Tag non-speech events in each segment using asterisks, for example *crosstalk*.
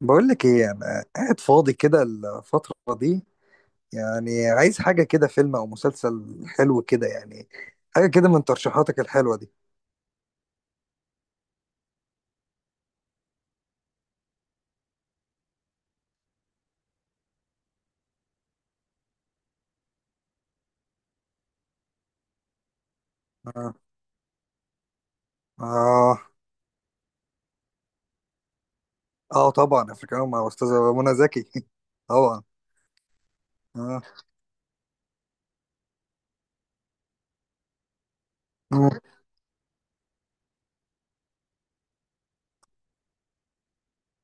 بقول لك ايه، انا قاعد فاضي كده الفترة دي. يعني عايز حاجة كده، فيلم او مسلسل حلو كده يعني. حاجة كده من ترشيحاتك الحلوة دي. اه. اه. اه طبعا، افريكانو مع استاذة منى زكي *laughs* طبعا. اه. مم.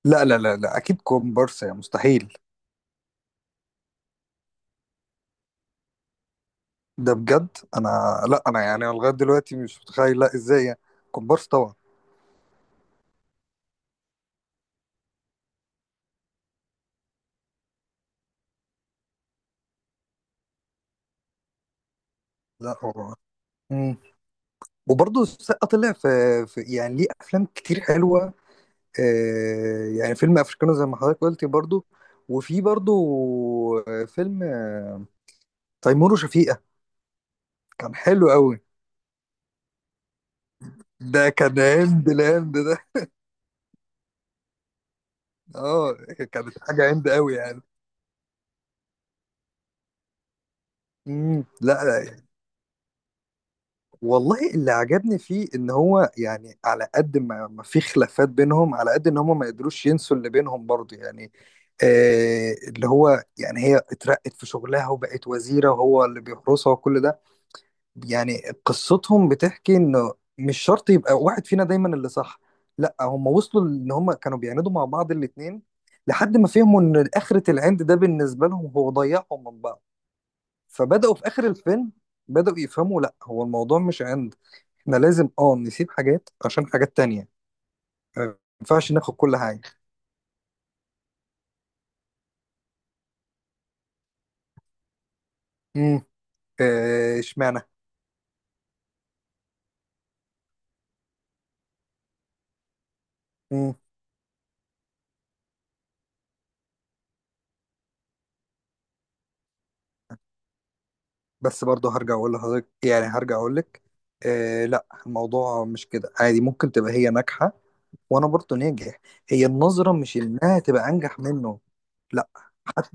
لا لا لا لا، اكيد كومبارس، يا مستحيل. ده بجد؟ انا، لا انا يعني لغاية دلوقتي مش متخيل، لا ازاي يعني. كومبارس طبعا. لا هو. مم. وبرضه السقا طلع في يعني ليه افلام كتير حلوة. يعني فيلم افريكانو زي ما حضرتك قلتي برضو. وفي برضو فيلم تيمور وشفيقة. كان حلو قوي. ده كان هند الهند ده. اه، كانت حاجة هند قوي يعني. لا لا، والله اللي عجبني فيه ان هو يعني على قد ما ما في خلافات بينهم، على قد ان هم ما قدروش ينسوا اللي بينهم برضو يعني. آه اللي هو يعني هي اترقت في شغلها وبقت وزيرة، وهو اللي بيحرسها وكل ده يعني. قصتهم بتحكي انه مش شرط يبقى واحد فينا دايما اللي صح. لا هم وصلوا ان هم كانوا بيعاندوا مع بعض الاتنين، لحد ما فهموا ان اخرة العند ده بالنسبة لهم هو ضيعهم من بعض. فبدأوا في اخر الفيلم، بدأوا يفهموا لا هو الموضوع مش عند. احنا لازم اه نسيب حاجات عشان حاجات تانية. ما ينفعش ناخد كل حاجة. امم. اشمعنى؟ امم. بس برضه هرجع اقول لحضرتك، يعني هرجع اقول لك، آه لا الموضوع مش كده عادي. ممكن تبقى هي ناجحة وانا برضه ناجح. هي النظره مش انها تبقى انجح منه. لا. حت-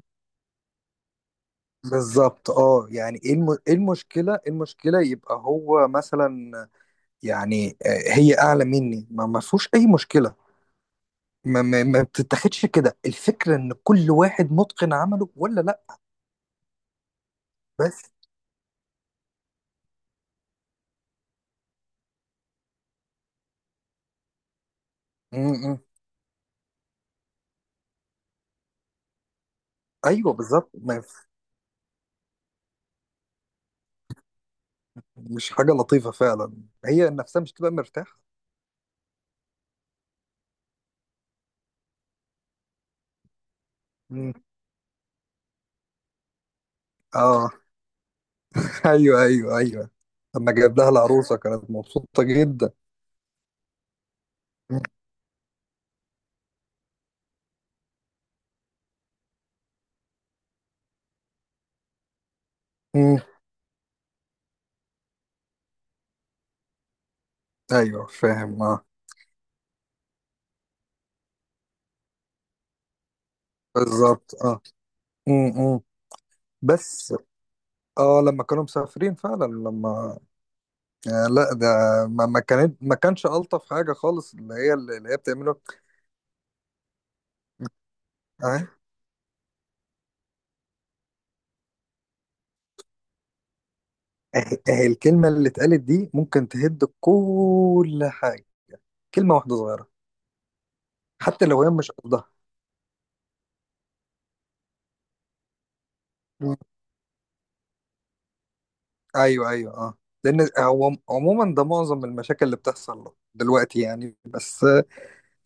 بالظبط اه، يعني ايه إيه المشكله، إيه المشكله يبقى هو مثلا يعني هي اعلى مني، ما فيهوش اي مشكله. ما بتتاخدش كده الفكره ان كل واحد متقن عمله ولا لا؟ بس. م -م. ايوه بالظبط. ما ف- مش حاجه لطيفه فعلا. هي نفسها مش تبقى مرتاحه. م. اه *laughs* ايوه ايوه ايوه، لما جاب لها العروسه كانت مبسوطه جدا. م. ايوه فاهم اه. بالظبط اه. إمم. بس. اه لما كانوا مسافرين فعلا، لما آه لا ده، ما كانش الطف حاجه خالص اللي هي اللي هي بتعمله. اه. اه، اه الكلمه اللي اتقالت دي ممكن تهد كل حاجه، كلمه واحده صغيره. حتى لو هي مش قصدها. مم. ايوه ايوه اه. لان هو عموما ده معظم المشاكل اللي بتحصل دلوقتي يعني، بس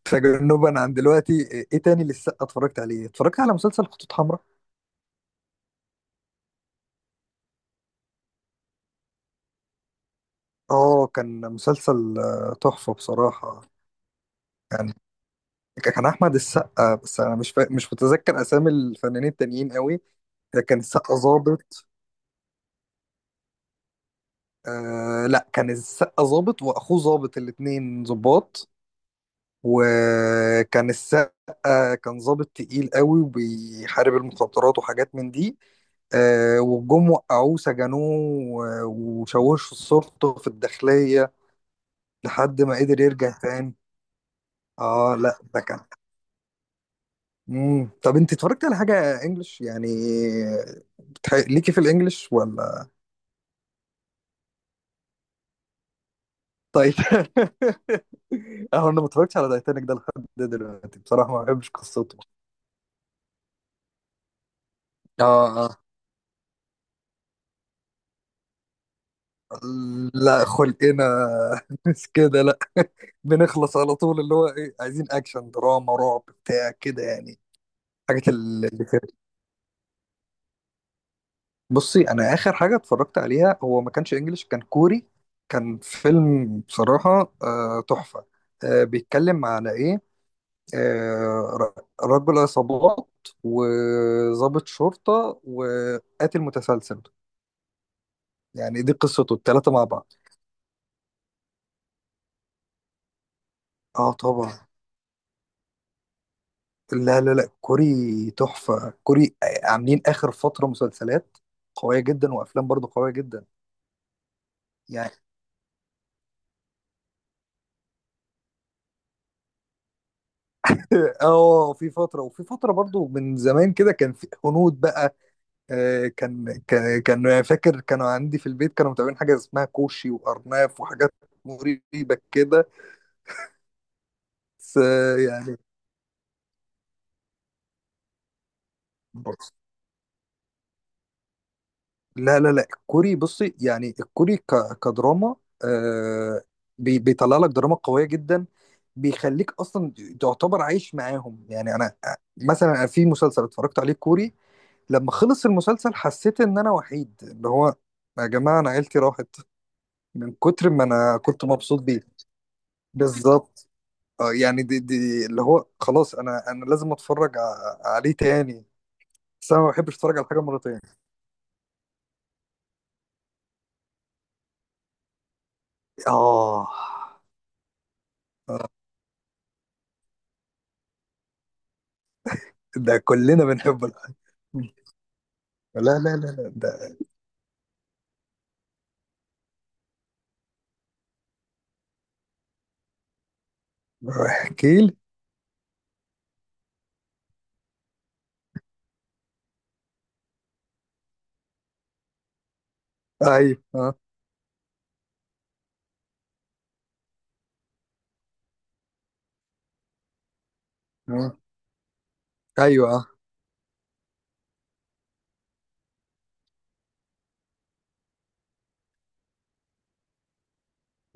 تجنبا عن دلوقتي. ايه تاني لسه اتفرجت عليه؟ اتفرجت على مسلسل خطوط حمراء. اه كان مسلسل تحفة بصراحة. يعني كان أحمد السقا، بس أنا مش متذكر أسامي الفنانين التانيين قوي. كان السقا ظابط. آه لا، كان السقا ظابط وأخوه ظابط، الاتنين ظباط. وكان السقا كان ظابط تقيل قوي، وبيحارب المخدرات وحاجات من دي. وجم وقعوه سجنوه، وشوشوا صورته في الداخلية، لحد ما قدر يرجع تاني. اه لا ده كان. طب انت اتفرجت على حاجة انجلش يعني؟ ليكي في الانجلش ولا؟ طيب *laughs* اهو انا ما اتفرجتش على تايتانيك ده لحد دلوقتي بصراحة، ما بحبش قصته. اه اه. لا خلقنا *laughs* مش كده لا *laughs* بنخلص على طول. اللي هو ايه، عايزين اكشن دراما رعب بتاع كده يعني. اللي كده. بصي انا اخر حاجة اتفرجت عليها هو ما كانش انجلش، كان كوري. كان فيلم بصراحة تحفة. بيتكلم على ايه؟ آه، رجل عصابات، وضابط شرطة، وقاتل متسلسل. يعني دي قصته التلاتة مع بعض. اه طبعا. لا لا لا، كوري تحفة، كوري عاملين آخر فترة مسلسلات قوية جدا وأفلام برضو قوية جدا. يعني *laughs* اه، في فترة، وفي فترة برضو من زمان كده كان في هنود بقى. كان فاكر كانوا عندي في البيت كانوا متابعين حاجة اسمها كوشي وأرناف وحاجات مريبة كده. بس يعني لا لا لا، الكوري بصي يعني، الكوري كدراما آه، بيطلع لك دراما قوية جدا. بيخليك اصلا تعتبر عايش معاهم يعني. انا مثلا أنا في مسلسل اتفرجت عليه كوري، لما خلص المسلسل حسيت ان انا وحيد، اللي هو يا جماعة انا عيلتي راحت، من كتر ما انا كنت مبسوط بيه. بالظبط. آه يعني دي اللي هو خلاص انا انا لازم اتفرج عليه تاني. بس انا ما بحبش اتفرج على حاجة مرتين. اه. آه، ده كلنا بنحب. لا لا لا لا ده. احكي لي. ايوه اه. آه. ايوه اه.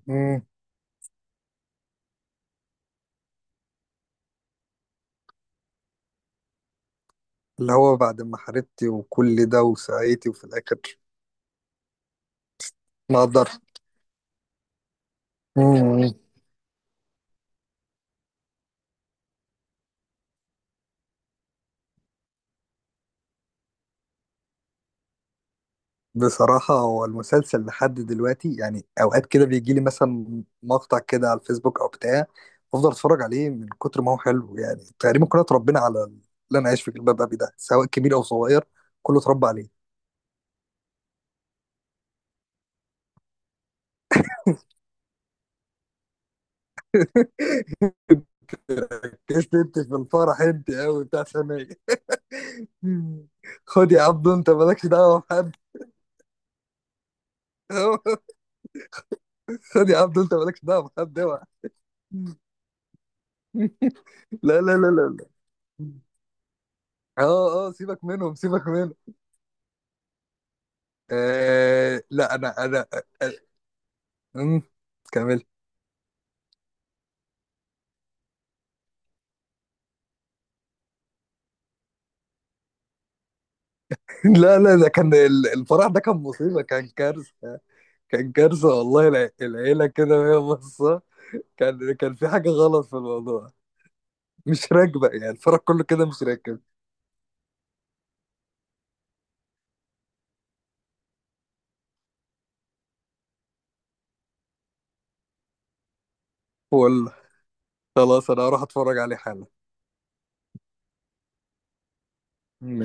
مم. اللي هو بعد ما حاربتي وكل ده وسعيتي، وفي الاخر ما قدرت. مم. بصراحة هو المسلسل لحد دلوقتي يعني اوقات كده بيجي لي مثلا مقطع كده على الفيسبوك او بتاع، افضل اتفرج عليه من كتر ما هو حلو. يعني تقريبا كلنا اتربينا على اللي انا عايش في جلباب ابي ده، سواء كبير او صغير كله اتربى عليه. *laughs* كسبت في الفرح انت قوي بتاع ثانية. *laughs* خد يا عبدو انت مالكش دعوه بحد. *laughs* خد يا عبدو انت مالكش دعوه بحد، اوعى *laughs* لا لا لا لا لا. اه اه، سيبك منهم سيبك منهم. آه لا انا انا. آه. آه. كمل. *laughs* لا لا، ده كان الفرح ده كان مصيبه، كان كارثه. كان كارثه والله، العيله كده وهي باصه كان كان في حاجه غلط في الموضوع، مش راكبه، يعني الفرح كله كده مش راكب. والله خلاص، انا هروح اتفرج عليه حالا.